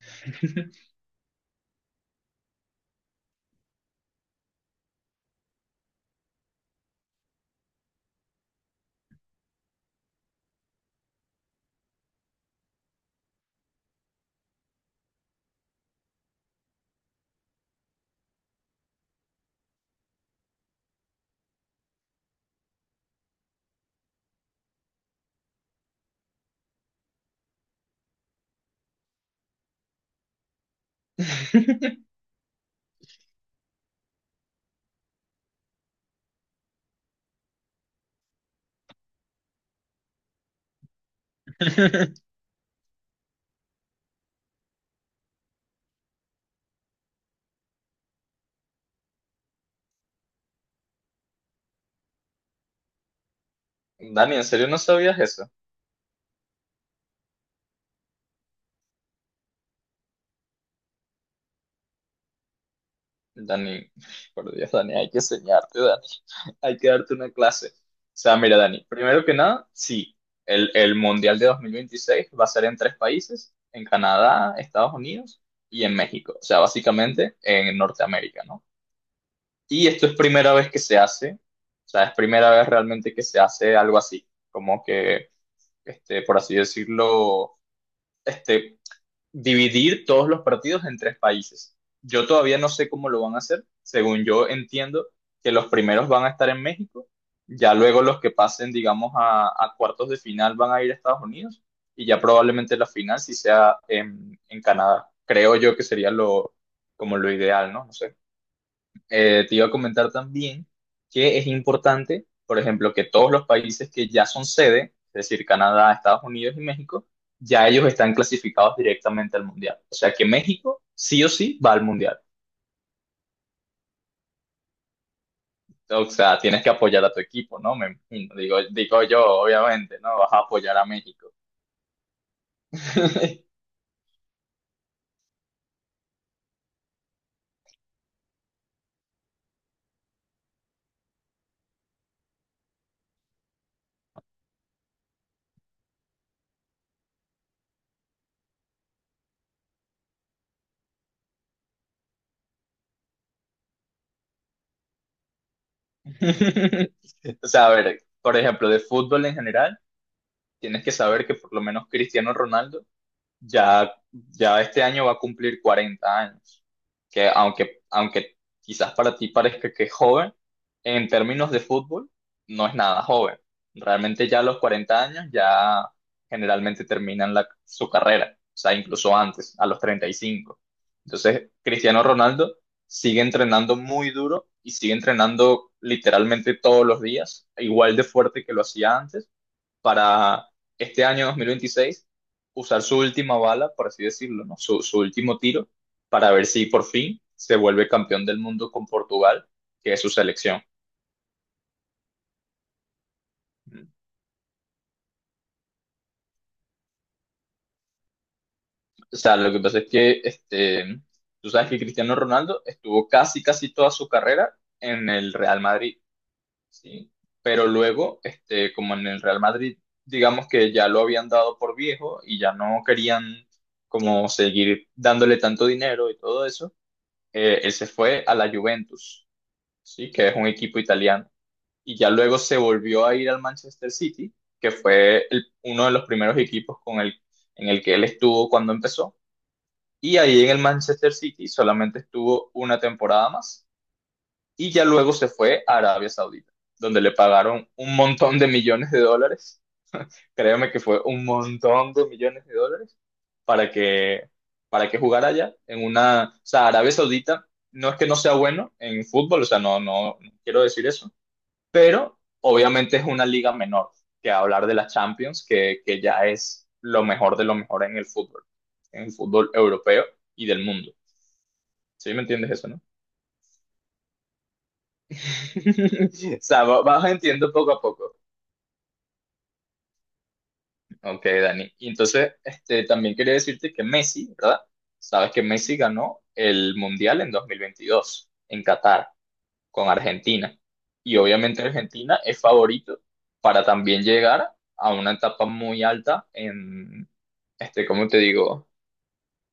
Dani, ¿en serio no sabías eso? Dani, por Dios, Dani, hay que enseñarte, Dani. Hay que darte una clase. O sea, mira, Dani, primero que nada, sí, el Mundial de 2026 va a ser en tres países, en Canadá, Estados Unidos y en México. O sea, básicamente en Norteamérica, ¿no? Y esto es primera vez que se hace, o sea, es primera vez realmente que se hace algo así, como que, este, por así decirlo, este, dividir todos los partidos en tres países. Yo todavía no sé cómo lo van a hacer. Según yo entiendo que los primeros van a estar en México, ya luego los que pasen, digamos, a cuartos de final van a ir a Estados Unidos y ya probablemente la final sí sea en Canadá. Creo yo que sería lo, como lo ideal, ¿no? No sé, te iba a comentar también que es importante, por ejemplo, que todos los países que ya son sede, es decir, Canadá, Estados Unidos y México, ya ellos están clasificados directamente al Mundial. O sea que México sí o sí va al Mundial. O sea, tienes que apoyar a tu equipo, ¿no? Me imagino. Digo, digo yo, obviamente, ¿no? Vas a apoyar a México. O sea, a ver, por ejemplo, de fútbol en general, tienes que saber que por lo menos Cristiano Ronaldo ya, ya este año va a cumplir 40 años, que aunque quizás para ti parezca que es joven, en términos de fútbol no es nada joven. Realmente ya a los 40 años ya generalmente terminan su carrera, o sea, incluso antes, a los 35. Entonces, Cristiano Ronaldo sigue entrenando muy duro y sigue entrenando literalmente todos los días, igual de fuerte que lo hacía antes para este año 2026 usar su última bala, por así decirlo, ¿no? Su último tiro, para ver si por fin se vuelve campeón del mundo con Portugal, que es su selección. O sea, lo que pasa es que este, tú sabes que Cristiano Ronaldo estuvo casi, casi toda su carrera en el Real Madrid, ¿sí? Pero luego, este, como en el Real Madrid, digamos que ya lo habían dado por viejo y ya no querían como seguir dándole tanto dinero y todo eso, él se fue a la Juventus, ¿sí? Que es un equipo italiano. Y ya luego se volvió a ir al Manchester City, que fue uno de los primeros equipos con en el que él estuvo cuando empezó. Y ahí en el Manchester City solamente estuvo una temporada más. Y ya luego se fue a Arabia Saudita, donde le pagaron un montón de millones de dólares, créeme que fue un montón de millones de dólares para que, para que jugara allá en una, o sea, Arabia Saudita no es que no sea bueno en fútbol, o sea, no, no, no quiero decir eso, pero obviamente es una liga menor que hablar de la Champions, que ya es lo mejor de lo mejor en el fútbol europeo y del mundo. ¿Sí me entiendes eso, no? O sea, vas entiendo poco a poco. Ok, Dani. Y entonces, este, también quería decirte que Messi, ¿verdad? Sabes que Messi ganó el Mundial en 2022 en Qatar, con Argentina. Y obviamente Argentina es favorito para también llegar a una etapa muy alta en, este, ¿cómo te digo?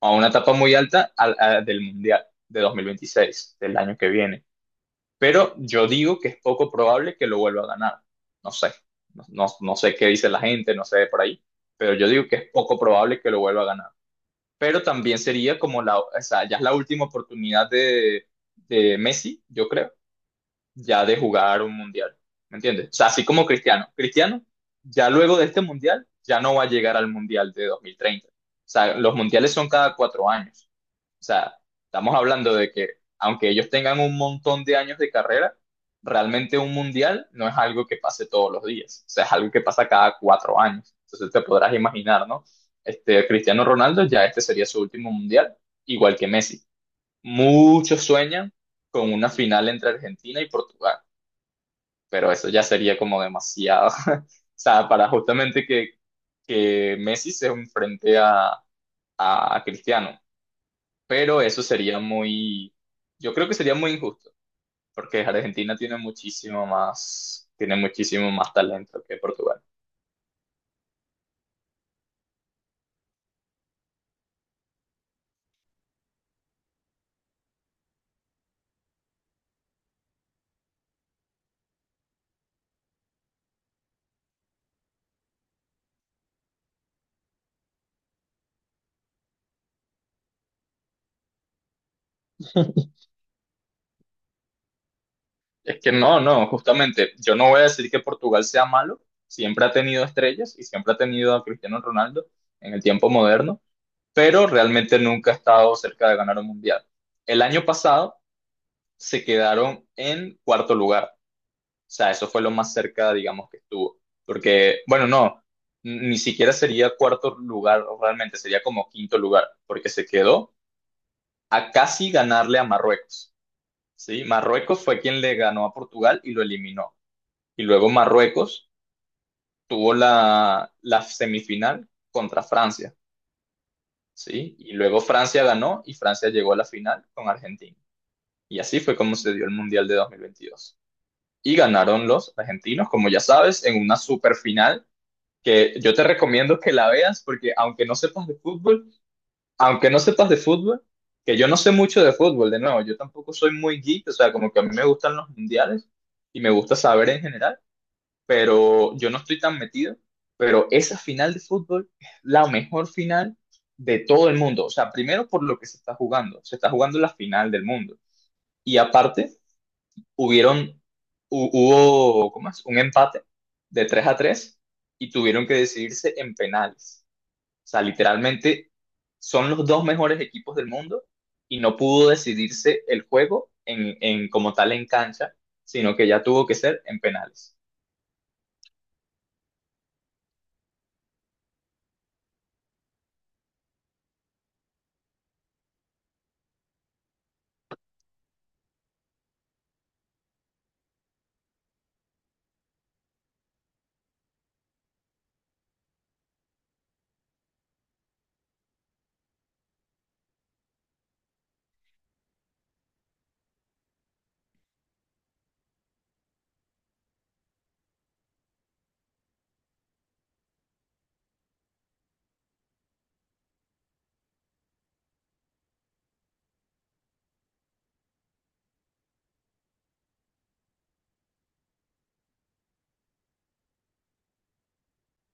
A una etapa muy alta del Mundial de 2026 del año que viene, pero yo digo que es poco probable que lo vuelva a ganar. No sé, no, no, no sé qué dice la gente, no sé de por ahí, pero yo digo que es poco probable que lo vuelva a ganar. Pero también sería como la, o sea, ya es la última oportunidad de, Messi, yo creo, ya de jugar un mundial. ¿Me entiendes? O sea, así como Cristiano. Cristiano, ya luego de este mundial, ya no va a llegar al mundial de 2030. O sea, los mundiales son cada 4 años. O sea, estamos hablando de que aunque ellos tengan un montón de años de carrera, realmente un mundial no es algo que pase todos los días, o sea, es algo que pasa cada 4 años. Entonces te podrás imaginar, ¿no? Este, Cristiano Ronaldo ya este sería su último mundial, igual que Messi. Muchos sueñan con una final entre Argentina y Portugal, pero eso ya sería como demasiado, o sea, para justamente que Messi se enfrente a Cristiano. Pero eso sería muy, yo creo que sería muy injusto, porque Argentina tiene muchísimo más talento que Portugal. Es que no, no, justamente, yo no voy a decir que Portugal sea malo, siempre ha tenido estrellas y siempre ha tenido a Cristiano Ronaldo en el tiempo moderno, pero realmente nunca ha estado cerca de ganar un mundial. El año pasado se quedaron en cuarto lugar, sea, eso fue lo más cerca, digamos, que estuvo. Porque, bueno, no, ni siquiera sería cuarto lugar realmente, sería como quinto lugar, porque se quedó a casi ganarle a Marruecos. ¿Sí? Marruecos fue quien le ganó a Portugal y lo eliminó. Y luego Marruecos tuvo la semifinal contra Francia, ¿sí? Y luego Francia ganó y Francia llegó a la final con Argentina. Y así fue como se dio el Mundial de 2022. Y ganaron los argentinos, como ya sabes, en una superfinal que yo te recomiendo que la veas porque aunque no sepas de fútbol, aunque no sepas de fútbol, que yo no sé mucho de fútbol, de nuevo, yo tampoco soy muy geek, o sea, como que a mí me gustan los mundiales y me gusta saber en general, pero yo no estoy tan metido, pero esa final de fútbol es la mejor final de todo el mundo, o sea, primero por lo que se está jugando la final del mundo y aparte hubieron, hubo, ¿cómo es? Un empate de 3-3 y tuvieron que decidirse en penales. O sea, literalmente son los dos mejores equipos del mundo y no pudo decidirse el juego en, como tal en cancha, sino que ya tuvo que ser en penales.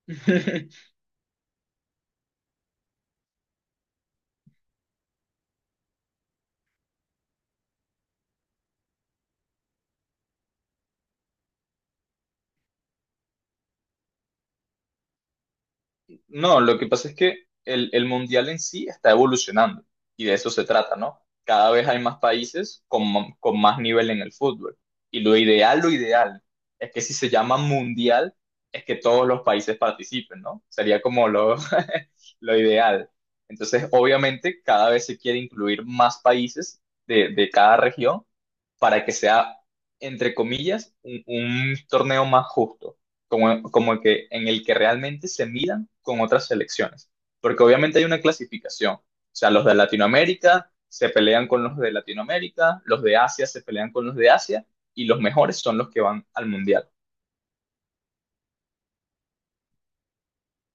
No, lo que pasa es que el mundial en sí está evolucionando y de eso se trata, ¿no? Cada vez hay más países con, con más nivel en el fútbol. Y lo ideal, es que si se llama mundial, es que todos los países participen, ¿no? Sería como lo, lo ideal. Entonces, obviamente, cada vez se quiere incluir más países de, cada región para que sea, entre comillas, un torneo más justo como, como el que, en el que realmente se midan con otras selecciones, porque obviamente hay una clasificación, o sea, los de Latinoamérica se pelean con los de Latinoamérica, los de Asia se pelean con los de Asia y los mejores son los que van al Mundial.